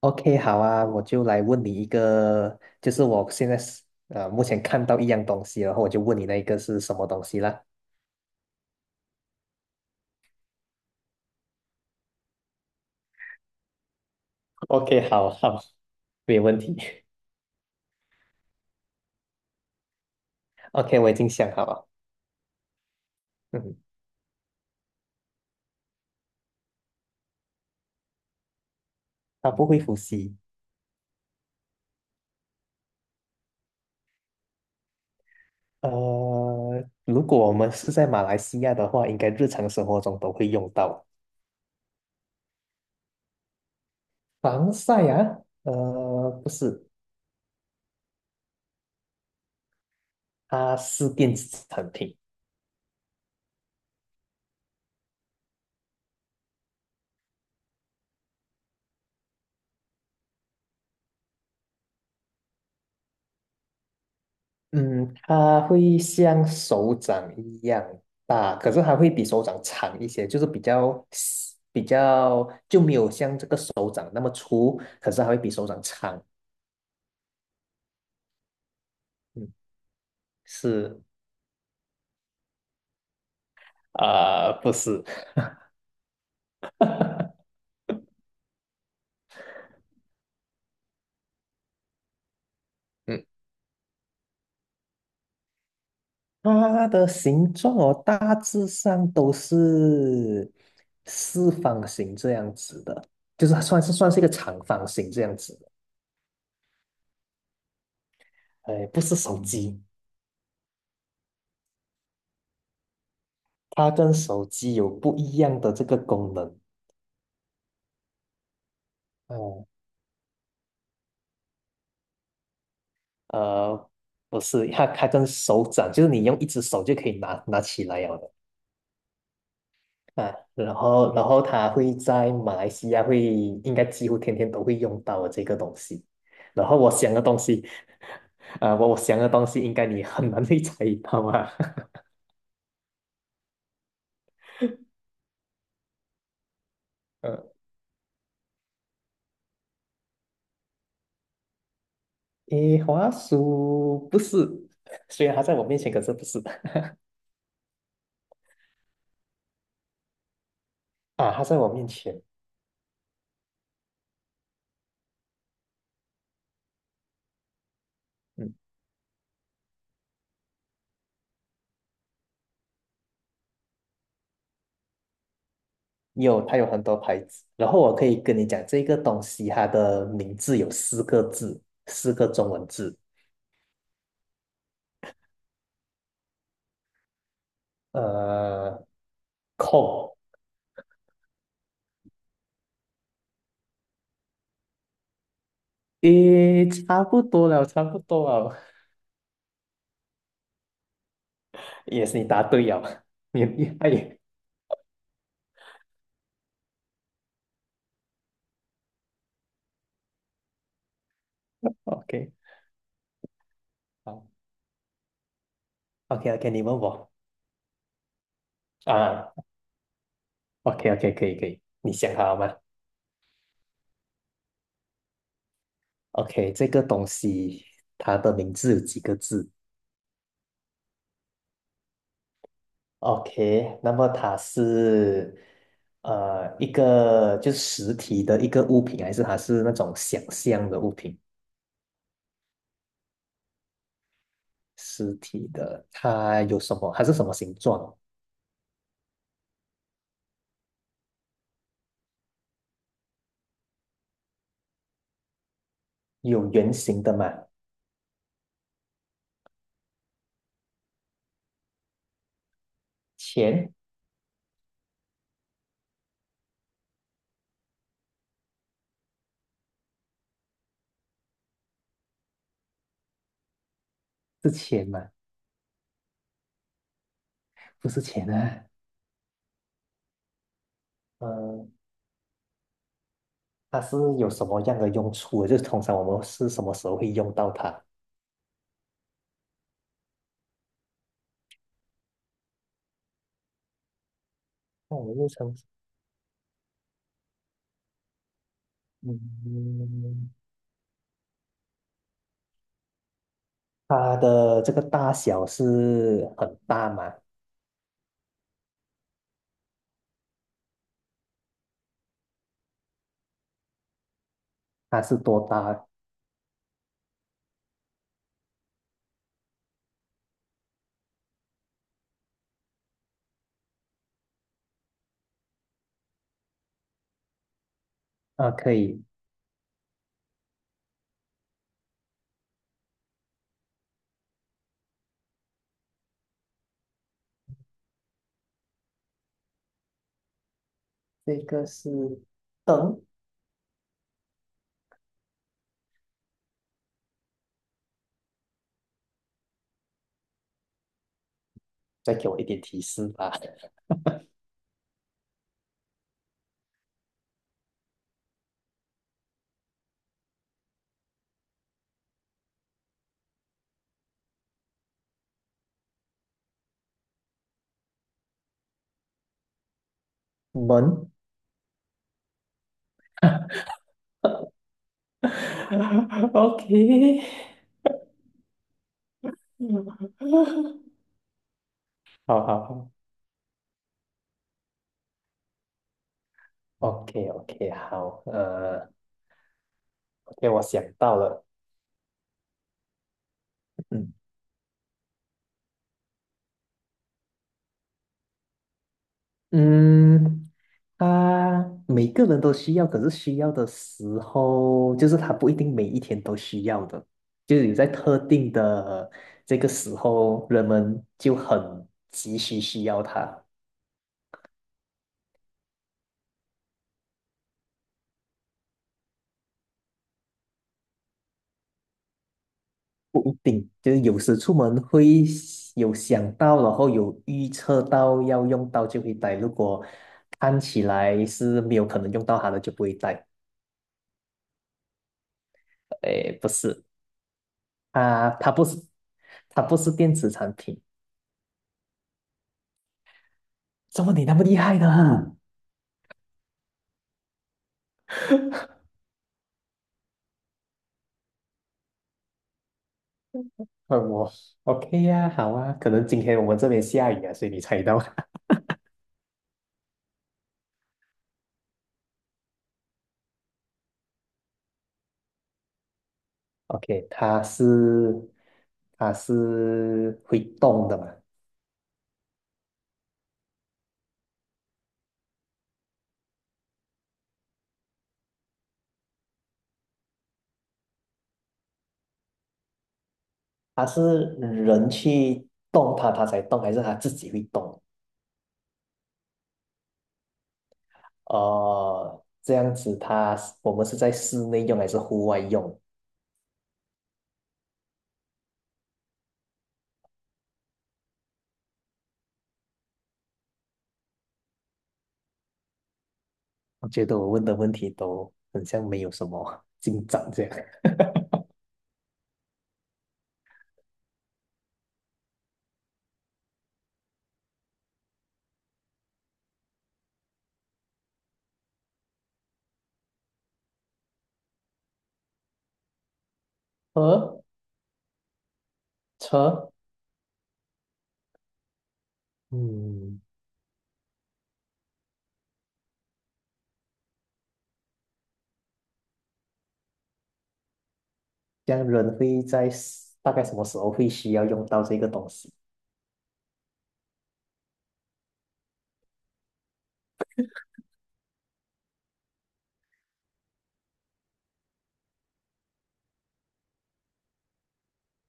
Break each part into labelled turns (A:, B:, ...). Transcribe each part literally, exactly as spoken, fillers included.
A: OK，好啊，我就来问你一个，就是我现在是呃目前看到一样东西，然后我就问你那一个是什么东西啦。OK，好好，没有问题。OK，我已经想好了。嗯，它不会呼吸。呃，如果我们是在马来西亚的话，应该日常生活中都会用到防晒啊。呃，不是，它是电子产品。嗯，它会像手掌一样大，可是它会比手掌长一些，就是比较细比较就没有像这个手掌那么粗，可是它会比手掌长。嗯，是啊，不是。嗯，它的形状哦，大致上都是四方形这样子的，就是它算是算是一个长方形这样子的。哎，不是手机，它跟手机有不一样的这个功能。哦。呃，不是，它它跟手掌，就是你用一只手就可以拿拿起来了的啊。然后，然后它会在马来西亚会应该几乎天天都会用到的这个东西。然后我想的东西，啊、我我想的东西应该你很难 会猜到啊。呃，诶，滑鼠不是，虽然它在我面前，可是不是。 啊，它在我面前。嗯。有，它有很多牌子。然后我可以跟你讲，这个东西它的名字有四个字，四个中文字。呃，控，诶，差不多了，差不多了，也是你答对了。你很厉害耶。 OK，好，OK，OK，你问我啊，OK，OK，可以，可以，你想好了吗？OK，这个东西它的名字有几个字？OK，那么它是呃一个就是实体的一个物品，还是它是那种想象的物品？实体的，它有什么？它是什么形状？有圆形的吗？钱是钱吗？不是钱啊。嗯、它是有什么样的用处的？就是通常我们是什么时候会用到它？那我们日常，嗯，它的这个大小是很大吗？它是多大？啊，可以。这个是灯，再给我一点提示吧。门。OK。好好好，OK OK，好。呃，OK，我想到了。嗯嗯，他每个人都需要，可是需要的时候，就是他不一定每一天都需要的，就是有在特定的这个时候，人们就很急需需要他。不一定，就是有时出门会有想到，然后有预测到要用到就会带。如果看起来是没有可能用到它的，就不会带。诶，不是，它它不是它不是电子产品。怎么你那么厉害呢？问我 OK 呀、好啊，可能今天我们这边下雨啊，所以你猜到。OK，它是它是会动的嘛？它是人去动它，它才动，还是它自己会动？哦，这样子它是我们是在室内用还是户外用？我觉得我问的问题都很像没有什么进展这样。呃，车。嗯，这样人会在 s- 大概什么时候会需要用到这个东西？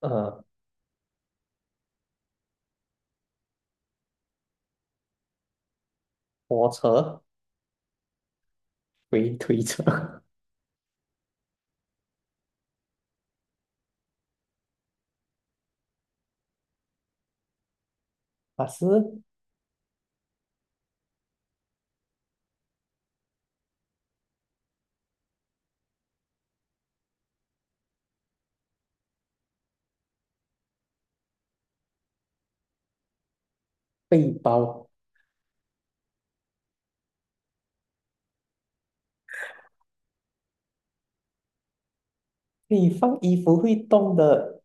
A: 呃，拖车、推推车，它是背包，可以放衣服会动的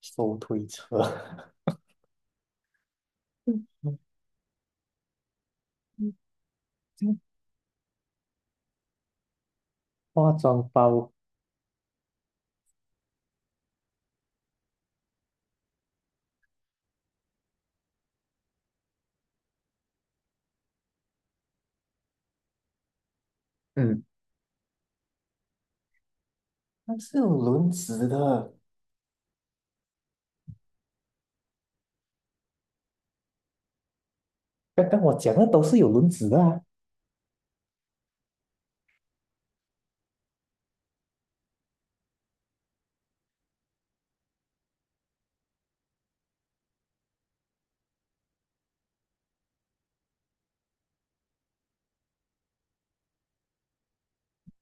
A: 手推车。嗯嗯嗯化妆包。嗯，它是有轮子的。刚刚我讲的都是有轮子的啊。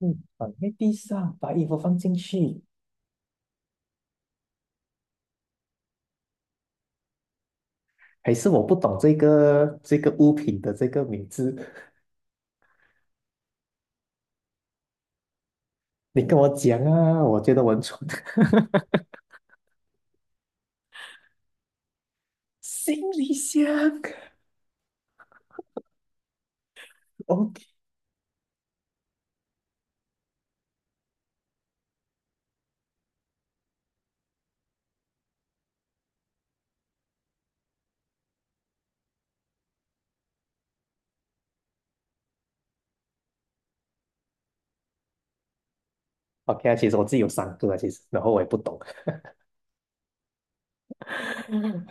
A: 嗯，放在地上，把衣服放进去，还是我不懂这个这个物品的这个名字，你跟我讲啊，我觉得我很蠢。行李箱。 ，OK。 OK 啊，其实我自己有三个啊，其实，然后我也不懂。嗯，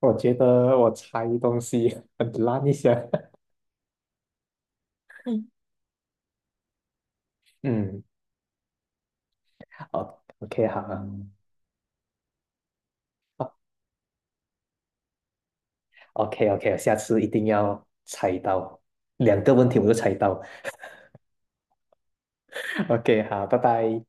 A: 我觉得我猜东西 很烂一下。嗯，好，OK 好啊，OK OK，下次一定要猜到，两个问题我就猜到。OK，好，拜拜。